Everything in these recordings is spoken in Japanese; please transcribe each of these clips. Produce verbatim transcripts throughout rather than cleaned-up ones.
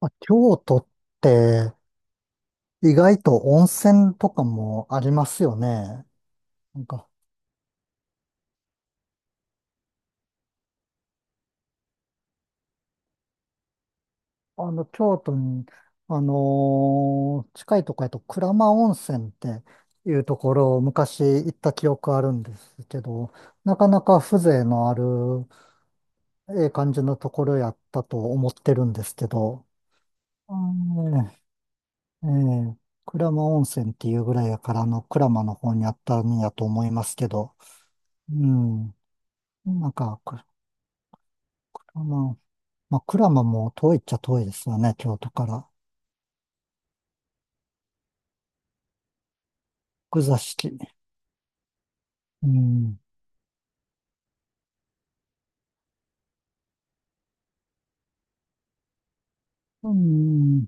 まあ、京都って意外と温泉とかもありますよね。なんか、あの、京都に、あのー近いとこやと鞍馬温泉っていうところを昔行った記憶あるんですけど、なかなか風情のある、ええ感じのところやったと思ってるんですけど、うん。ええ。鞍馬温泉っていうぐらいやから、あの、鞍馬の方にあったんやと思いますけど、うん。なんか、これ、まあ、クラマも遠いっちゃ遠いですよね、京都から。奥座敷。うん。うん。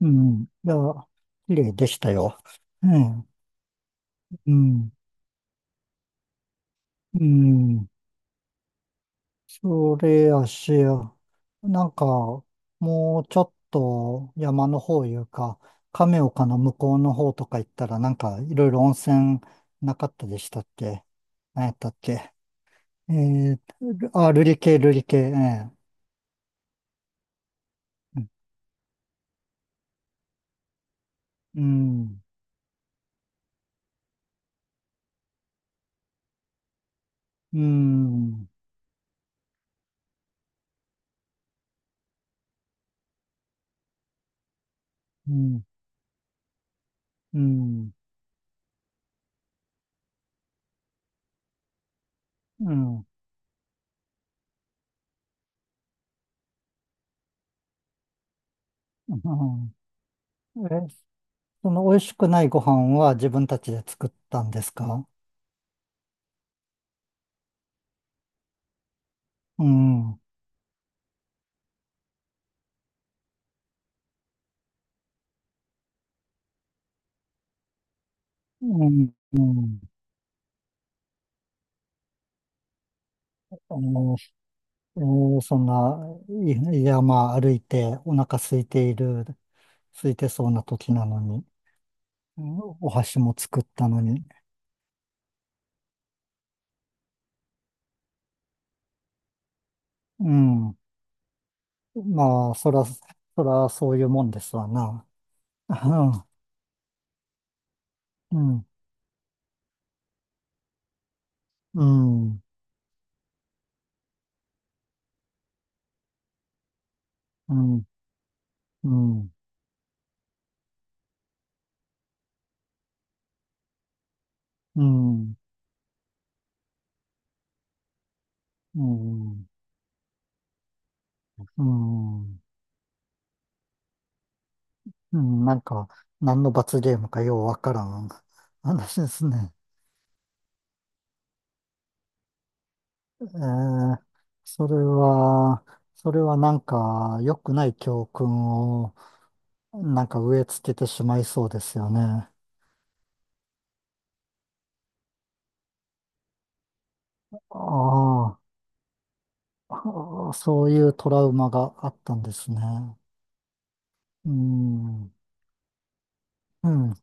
うん。いや、綺麗でしたよ。ええ。うん。うん。それやし、なんか、もうちょっと山の方いうか、亀岡の向こうの方とか行ったら、なんかいろいろ温泉なかったでしたっけ？何やったっけ？えー、あ、瑠璃系、瑠璃系、ええ。うん。うん。うん、うん、うん、うん。え、その美味しくないご飯は自分たちで作ったんですか？うん、うん、うん。あの、えーそんな、い山歩いてお腹空いている、空いてそうな時なのに、うん。お箸も作ったのに。うん。まあ、そら、そらそういうもんですわな。うん、うん、うん、うん、うん、うん、うん。うん。うん。なんか、何の罰ゲームかようわからん 話ですね。えー、それは、それはなんか、良くない教訓を、なんか植え付けてしまいそうですよね。ああ、ああそういうトラウマがあったんですね。うん、うん、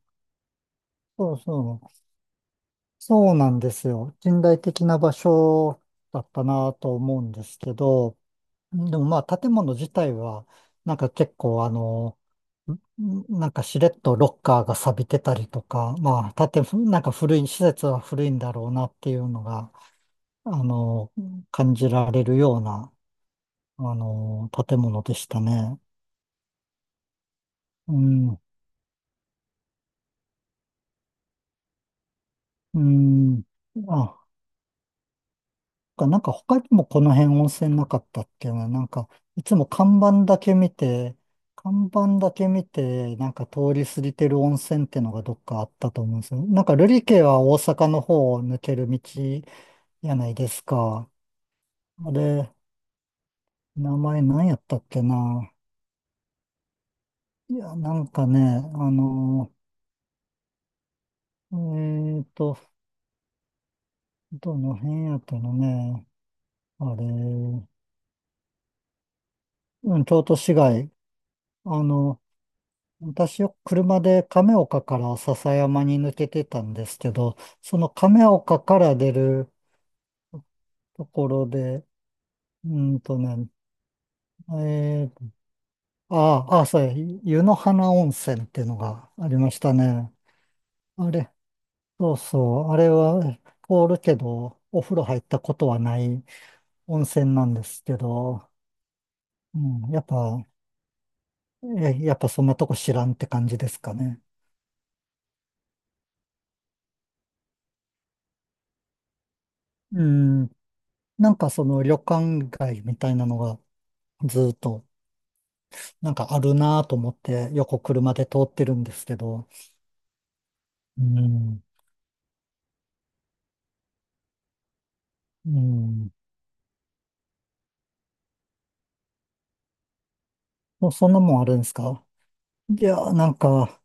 そうそう、そうなんですよ。近代的な場所だったなと思うんですけど、でもまあ、建物自体は、なんか結構あの、なんかしれっとロッカーが錆びてたりとか、まあ、建物、なんか古い、施設は古いんだろうなっていうのが、あの、感じられるような、あの、建物でしたね。うん、うん。あ、なんか他にもこの辺温泉なかったっけな。なんか、いつも看板だけ見て、看板だけ見て、なんか通り過ぎてる温泉ってのがどっかあったと思うんですよ。なんか瑠璃家は大阪の方を抜ける道じゃないですか。あれ、名前何やったっけな。いや、なんかね、あの、えーと、どの辺やったのね。あれ、うん、京都市街。あの、私よく車で亀岡から篠山に抜けてたんですけど、その亀岡から出るところで、うーんとね、えーと、ああ、ああ、そうや、湯の花温泉っていうのがありましたね。あれ、そうそう、あれは凍るけど、お風呂入ったことはない温泉なんですけど、うん、やっぱ、えやっぱそんなとこ知らんって感じですかね？うん、なんかその旅館街みたいなのがずっとなんかあるなぁと思って横車で通ってるんですけど、うん、うん、そそんなもんあるんですか？いやー、なんか、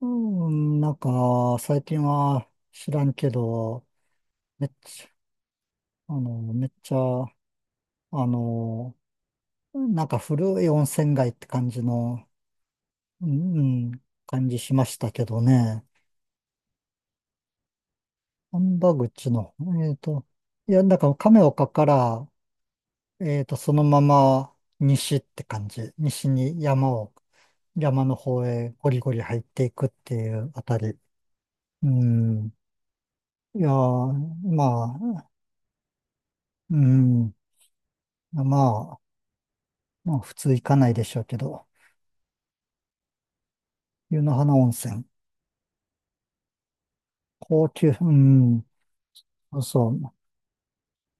うん、なんか最近は知らんけど、めっちゃ、あの、めっちゃ、あの、なんか古い温泉街って感じの、うん、うん、感じしましたけどね。神波口の、えっと、いや、だから亀岡から、えっと、そのまま西って感じ。西に山を、山の方へゴリゴリ入っていくっていうあたり。うん。いやー、まあ、うん。まあ、まあ、普通行かないでしょうけど、湯の花温泉。高級、うん。そうそう。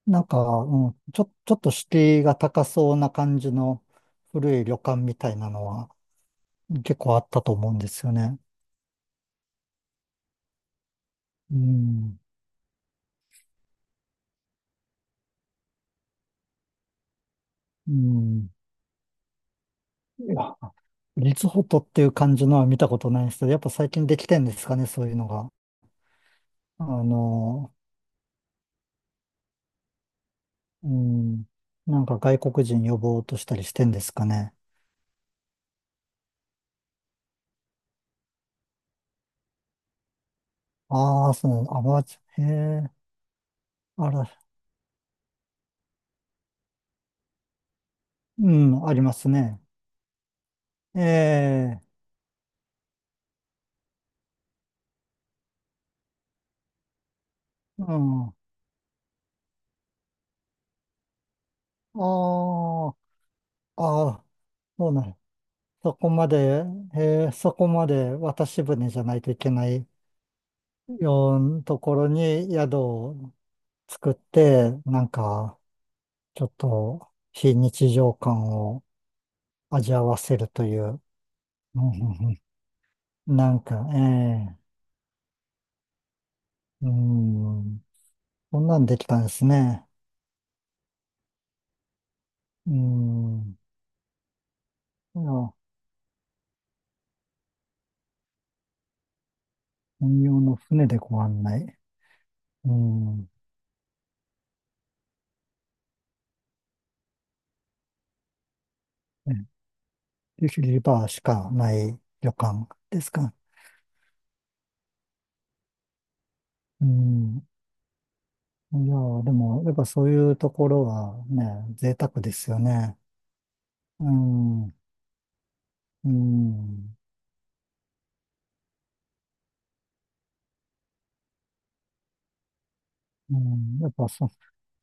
なんか、うん、ちょ、ちょっと敷居が高そうな感じの古い旅館みたいなのは結構あったと思うんですよね。うん、うん。いや、リゾートっていう感じのは見たことないですけど、やっぱ最近できてんですかね、そういうのが。あの、うん、なんか外国人呼ぼうとしたりしてんですかね？ああ、そう、あ、まじ、へえ、あら、うん、ありますね。ええ、うん、ああ、ああ、そうなんそこまで、えーそこまで渡し船じゃないといけないようなところに宿を作って、なんか、ちょっと非日常感を味わわせるという、うん。うん。うん。なんか、ええ。うん。こんなんできたんですね。うん、いや、本用の船でご案内。うん、えリバーしかない旅館ですか？うん。いやー、でも、やっぱそういうところはね、贅沢ですよね。うん、うん、うん。やっぱそ、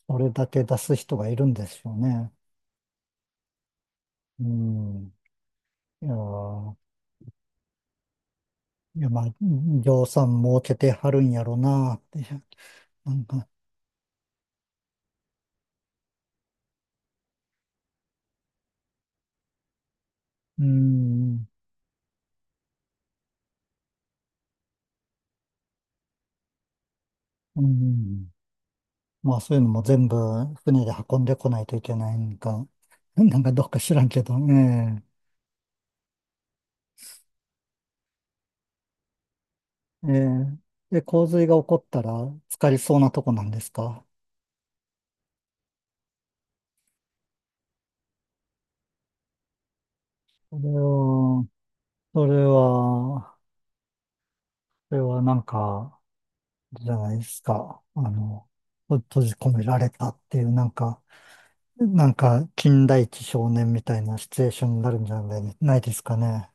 それだけ出す人がいるんですよね。うん。いやー、いや、まあ、ぎょうさん儲けてはるんやろなって、なんか、うん、うん。まあ、そういうのも全部船で運んでこないといけないんか、なんかどうか知らんけど、ええ。ええ。で、洪水が起こったら、浸かりそうなとこなんですか？それは、それは、それはなんか、じゃないですか。あの、と閉じ込められたっていう、なんか、なんか、金田一少年みたいなシチュエーションになるんじゃないないですかね？